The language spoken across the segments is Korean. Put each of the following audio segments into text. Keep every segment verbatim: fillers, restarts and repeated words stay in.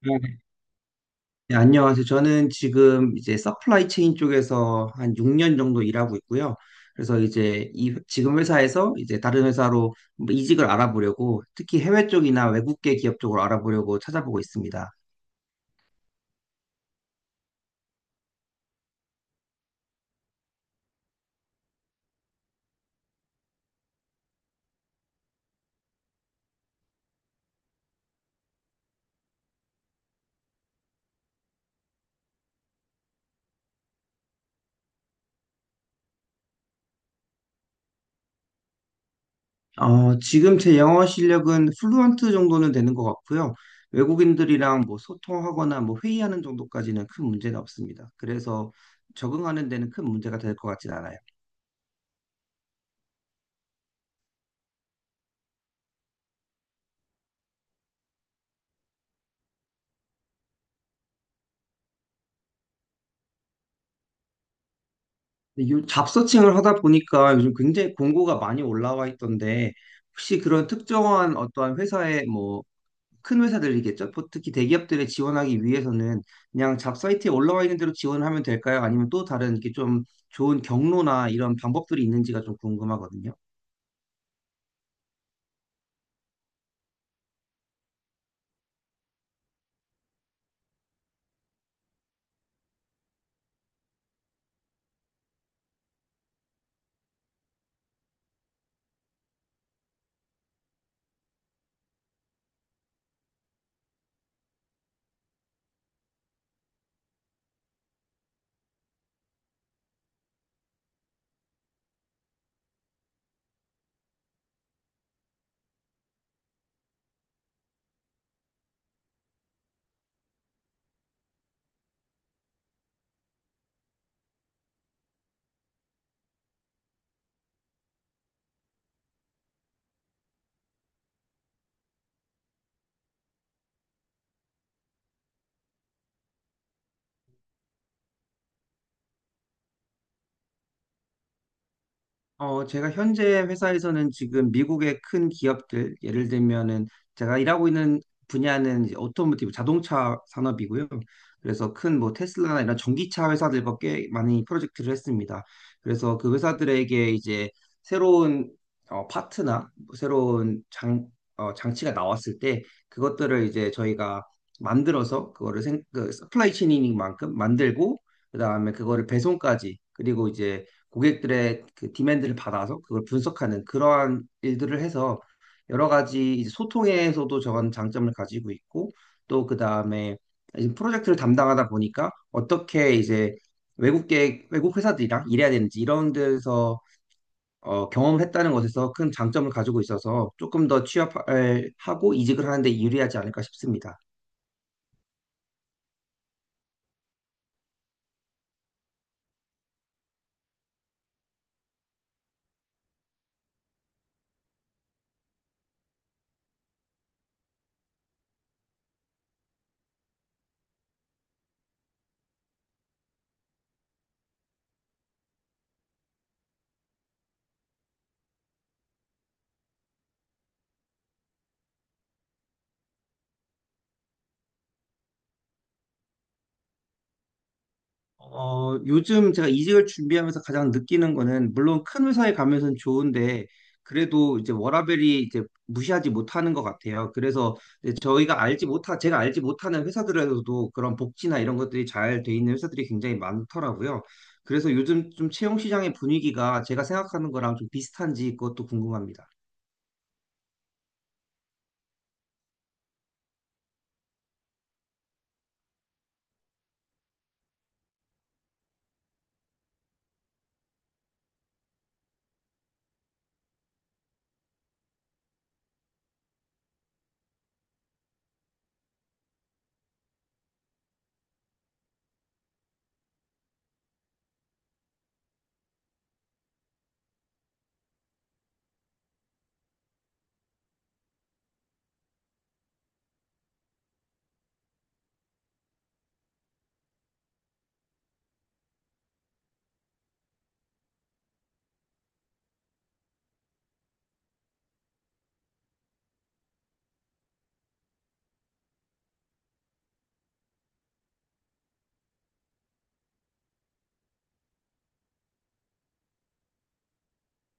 네, 네, 안녕하세요. 저는 지금 이제 서플라이 체인 쪽에서 한 육 년 정도 일하고 있고요. 그래서 이제 이 회- 지금 회사에서 이제 다른 회사로 뭐 이직을 알아보려고 특히 해외 쪽이나 외국계 기업 쪽으로 알아보려고 찾아보고 있습니다. 어, 지금 제 영어 실력은 플루언트 정도는 되는 것 같고요. 외국인들이랑 뭐 소통하거나 뭐 회의하는 정도까지는 큰 문제는 없습니다. 그래서 적응하는 데는 큰 문제가 될 것 같진 않아요. 근데 요- 잡서칭을 하다 보니까 요즘 굉장히 공고가 많이 올라와 있던데 혹시 그런 특정한 어떠한 회사의 뭐 큰 회사들이겠죠? 보- 특히 대기업들에 지원하기 위해서는 그냥 잡 사이트에 올라와 있는 대로 지원하면 될까요? 아니면 또 다른 이렇게 좀 좋은 경로나 이런 방법들이 있는지가 좀 궁금하거든요. 어, 제가 현재 회사에서는 지금 미국의 큰 기업들, 예를 들면은 제가 일하고 있는 분야는 이제 오토모티브 자동차 산업이고요. 그래서 큰 뭐 테슬라나 이런 전기차 회사들과 꽤 많이 프로젝트를 했습니다. 그래서 그 회사들에게 이제 새로운 어, 파트나 새로운 장, 어, 장치가 나왔을 때 그것들을 이제 저희가 만들어서 그거를 생, 그 서플라이 체인인 만큼 만들고 그다음에 그거를 배송까지 그리고 이제 고객들의 그 디맨드를 받아서 그걸 분석하는 그러한 일들을 해서 여러 가지 이제 소통에서도 저런 장점을 가지고 있고 또 그 다음에 이제 프로젝트를 담당하다 보니까 어떻게 이제 외국계 외국 회사들이랑 일해야 되는지 이런 데서 어, 경험을 했다는 것에서 큰 장점을 가지고 있어서 조금 더 취업을 하고 이직을 하는데 유리하지 않을까 싶습니다. 어, 요즘 제가 이직을 준비하면서 가장 느끼는 거는, 물론 큰 회사에 가면서는 좋은데, 그래도 이제 워라밸이 이제 무시하지 못하는 것 같아요. 그래서 이제 저희가 알지 못하, 제가 알지 못하는 회사들에서도 그런 복지나 이런 것들이 잘 돼 있는 회사들이 굉장히 많더라고요. 그래서 요즘 좀 채용 시장의 분위기가 제가 생각하는 거랑 좀 비슷한지 그것도 궁금합니다.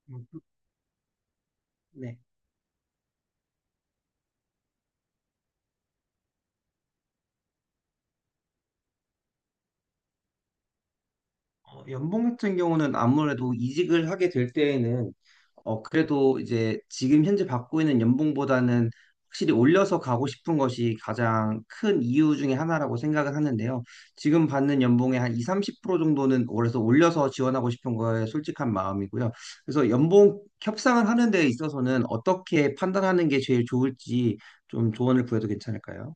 음, 네. 어, 연봉 같은 경우는 아무래도 이직을 하게 될 때에는 어, 그래도 이제 지금 현재 받고 있는 연봉보다는 확실히 올려서 가고 싶은 것이 가장 큰 이유 중에 하나라고 생각을 하는데요. 지금 받는 연봉의 한 이, 삼십 프로 정도는 올해서 올려서 지원하고 싶은 거에 솔직한 마음이고요. 그래서 연봉 협상을 하는 데 있어서는 어떻게 판단하는 게 제일 좋을지 좀 조언을 구해도 괜찮을까요?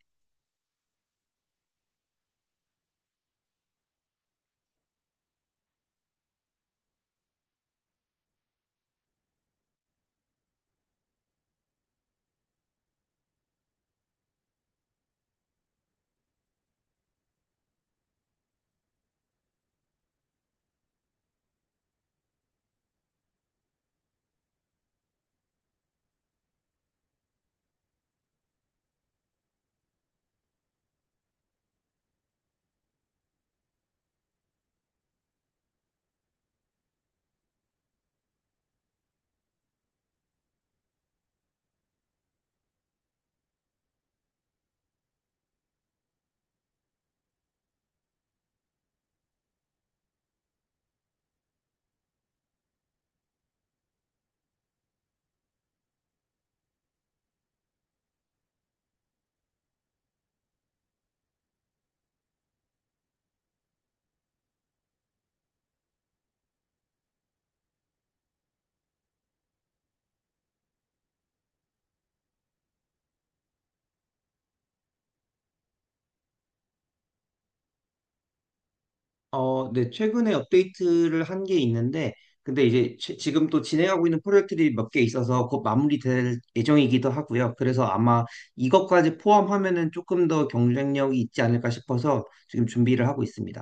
어, 네, 최근에 업데이트를 한 게 있는데, 근데 이제 지- 지금 또 진행하고 있는 프로젝트들이 몇 개 있어서 곧 마무리될 예정이기도 하고요. 그래서 아마 이것까지 포함하면은 조금 더 경쟁력이 있지 않을까 싶어서 지금 준비를 하고 있습니다.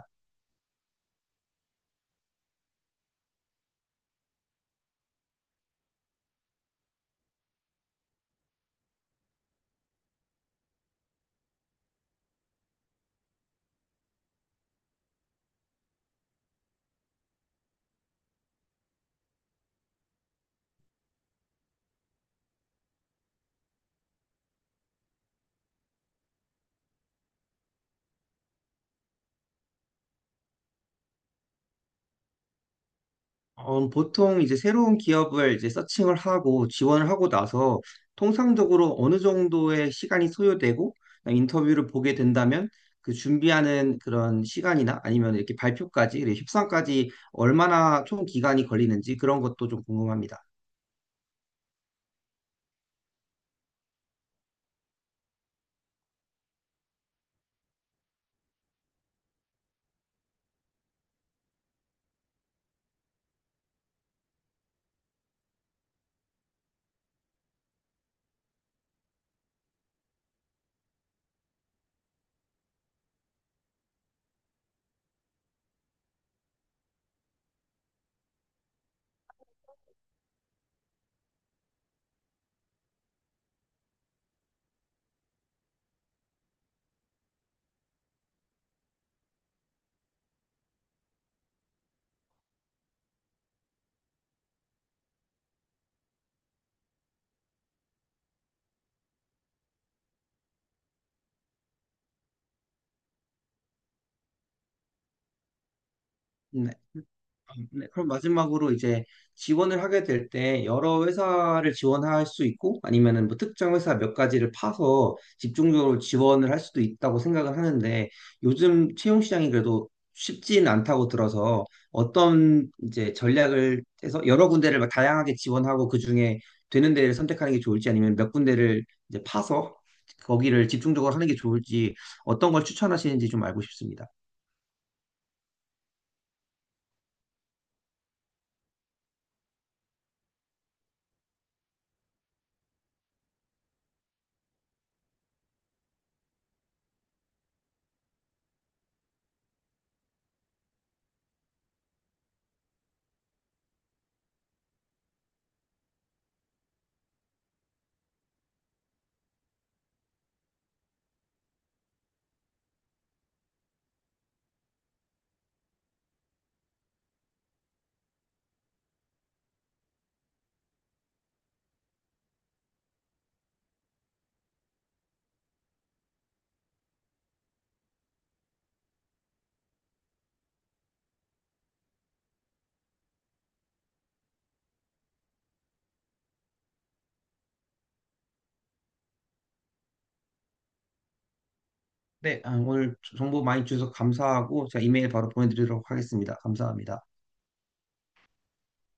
어, 보통 이제 새로운 기업을 이제 서칭을 하고 지원을 하고 나서 통상적으로 어느 정도의 시간이 소요되고 인터뷰를 보게 된다면 그 준비하는 그런 시간이나 아니면 이렇게 발표까지, 그리고 협상까지 얼마나 총 기간이 걸리는지 그런 것도 좀 궁금합니다. 네. 네, 그럼 마지막으로 이제 지원을 하게 될 때 여러 회사를 지원할 수 있고 아니면은 뭐 특정 회사 몇 가지를 파서 집중적으로 지원을 할 수도 있다고 생각을 하는데 요즘 채용 시장이 그래도 쉽지는 않다고 들어서 어떤 이제 전략을 해서 여러 군데를 막 다양하게 지원하고 그중에 되는 데를 선택하는 게 좋을지 아니면 몇 군데를 이제 파서 거기를 집중적으로 하는 게 좋을지 어떤 걸 추천하시는지 좀 알고 싶습니다. 네, 아, 오늘 정보 많이 주셔서 감사하고 제가 이메일 바로 보내드리도록 하겠습니다. 감사합니다.